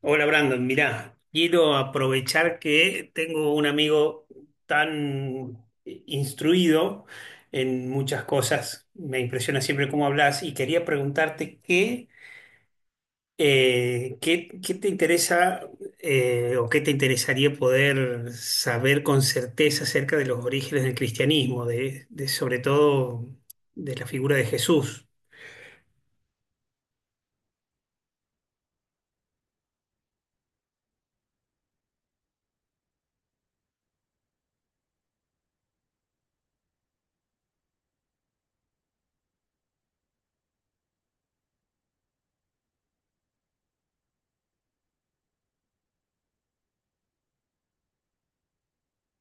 Hola Brandon, mirá, quiero aprovechar que tengo un amigo tan instruido en muchas cosas, me impresiona siempre cómo hablas y quería preguntarte qué te interesa o qué te interesaría poder saber con certeza acerca de los orígenes del cristianismo, de sobre todo de la figura de Jesús.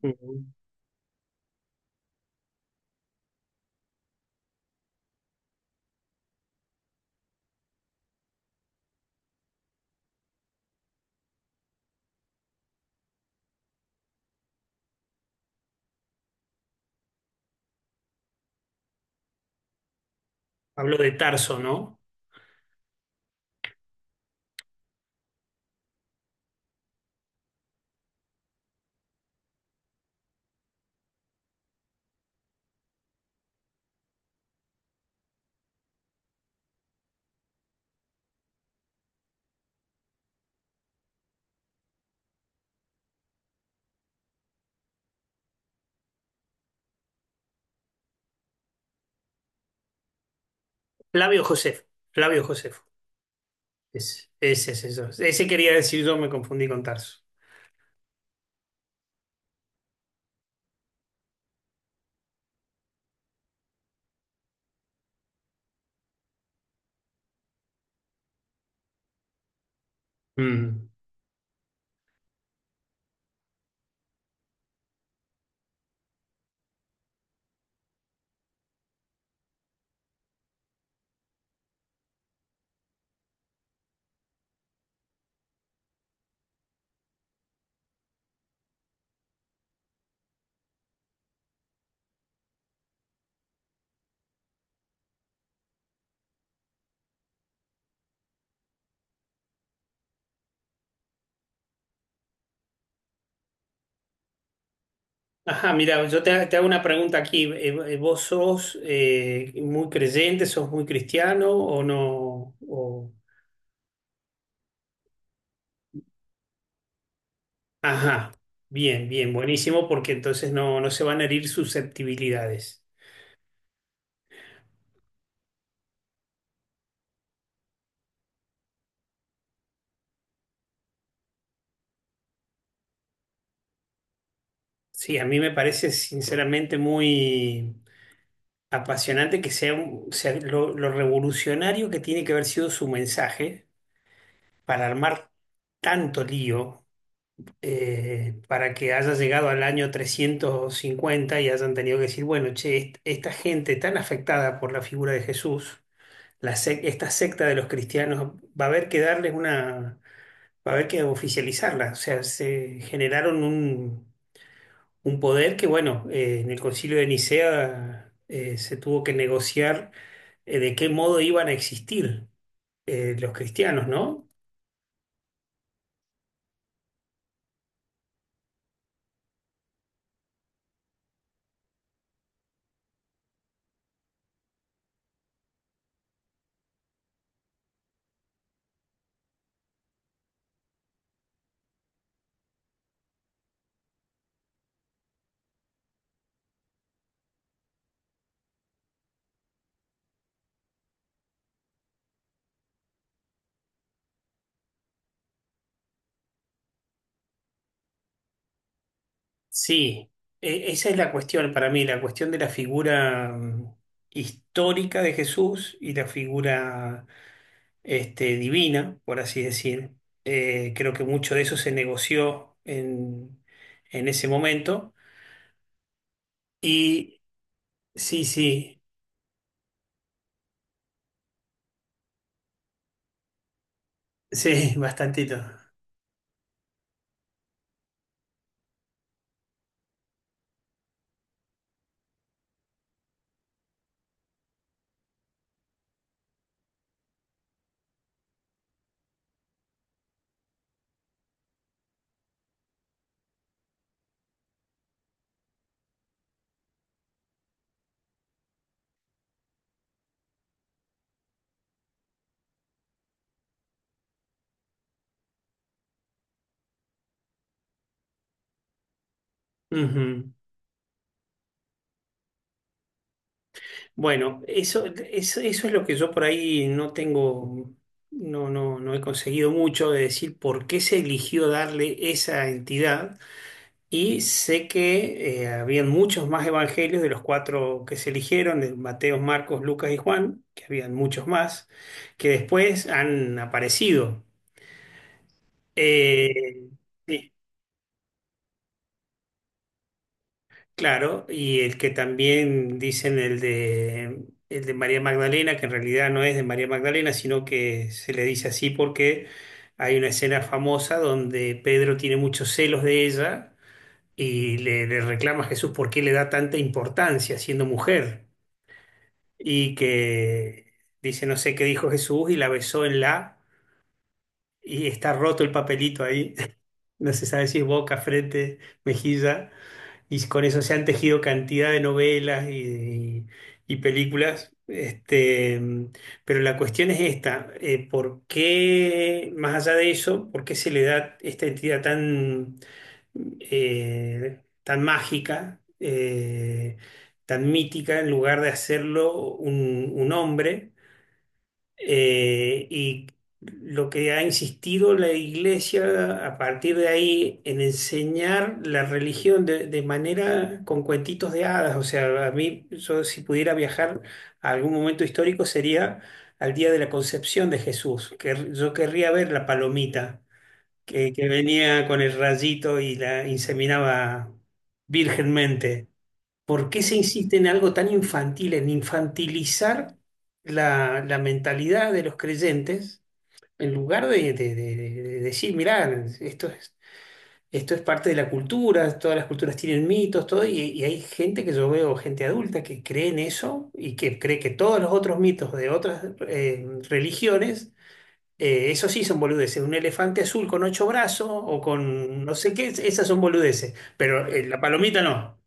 Ujú. Hablo de Tarso, ¿no? Flavio Josefo, Flavio Josefo. Ese es eso. Ese quería decir yo, me confundí con Tarso. Mm. Ajá, mira, te hago una pregunta aquí. ¿Vos sos muy creyente, sos muy cristiano o no? O... Ajá, bien, bien, buenísimo, porque entonces no, no se van a herir susceptibilidades. Sí, a mí me parece sinceramente muy apasionante que sea, sea lo revolucionario que tiene que haber sido su mensaje para armar tanto lío para que haya llegado al año 350 y hayan tenido que decir, bueno, che, esta gente tan afectada por la figura de Jesús, esta secta de los cristianos, va a haber que darles una, va a haber que oficializarla. O sea, se generaron un poder que, bueno, en el Concilio de Nicea se tuvo que negociar de qué modo iban a existir los cristianos, ¿no? Sí, esa es la cuestión para mí, la cuestión de la figura histórica de Jesús y la figura este, divina, por así decir. Creo que mucho de eso se negoció en ese momento. Y sí, sí, sí, bastantito. Ujú. Bueno, eso es lo que yo por ahí no tengo, no he conseguido mucho de decir por qué se eligió darle esa entidad. Y sé que habían muchos más evangelios de los cuatro que se eligieron, de Mateo, Marcos, Lucas y Juan, que habían muchos más, que después han aparecido. Eh, sí, claro, y el que también dicen el de María Magdalena, que en realidad no es de María Magdalena, sino que se le dice así porque hay una escena famosa donde Pedro tiene muchos celos de ella y le reclama a Jesús por qué le da tanta importancia siendo mujer. Y que dice, no sé qué dijo Jesús y la besó en la, y está roto el papelito ahí, no se sabe si es boca, frente, mejilla, y con eso se han tejido cantidad de novelas y películas. Este, mm, pero la cuestión es esta, ¿por qué, más allá de eso, por qué se le da esta entidad tan, tan mágica, tan mítica, en lugar de hacerlo un hombre? Y lo que ha insistido la iglesia a partir de ahí en enseñar la religión de manera con cuentitos de hadas. O sea, a mí, yo si pudiera viajar a algún momento histórico sería al día de la concepción de Jesús, que yo querría ver la palomita que venía con el rayito y la inseminaba virgenmente. ¿Por qué se insiste en algo tan infantil, en infantilizar la mentalidad de los creyentes, en lugar de, de decir, mirá, esto es, esto es parte de la cultura, todas las culturas tienen mitos, todo, y hay gente que yo veo, gente adulta, que cree en eso y que cree que todos los otros mitos de otras religiones, eso sí son boludeces, un elefante azul con ocho brazos o con no sé qué, esas son boludeces, pero la palomita no.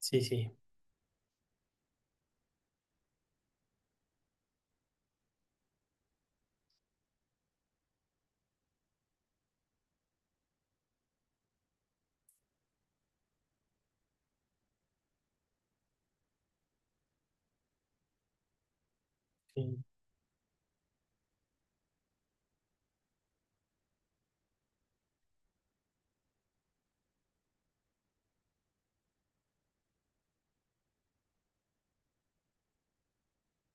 Sí, sí.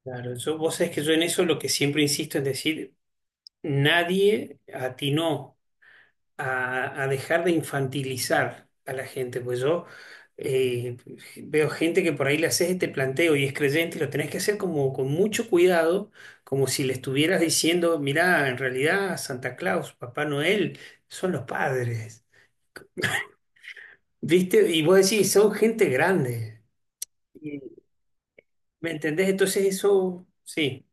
Claro, yo, vos sabés que yo en eso lo que siempre insisto es decir, nadie atinó a dejar de infantilizar a la gente, pues yo eh, veo gente que por ahí le haces este planteo y es creyente y lo tenés que hacer como con mucho cuidado, como si le estuvieras diciendo, mirá, en realidad Santa Claus, Papá Noel, son los padres, ¿viste? Y vos decís, son gente grande, y, ¿me entendés? Entonces eso, sí.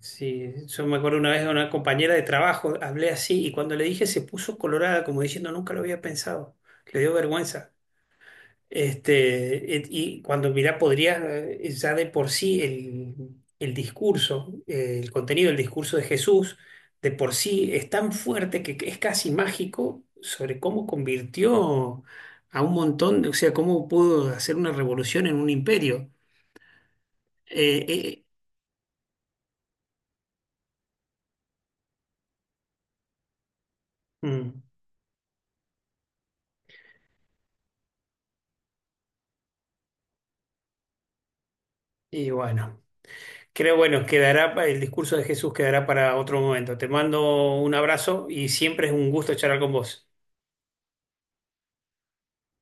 Sí, yo me acuerdo una vez de una compañera de trabajo, hablé así y cuando le dije se puso colorada como diciendo nunca lo había pensado, le dio vergüenza. Este, y cuando mirá, podría ya de por sí el discurso, el contenido del discurso de Jesús, de por sí es tan fuerte que es casi mágico sobre cómo convirtió a un montón, de- o sea, cómo pudo hacer una revolución en un imperio. Eh, eh, mm, y bueno. Creo, bueno, quedará, el discurso de Jesús quedará para otro momento. Te mando un abrazo y siempre es un gusto charlar con vos.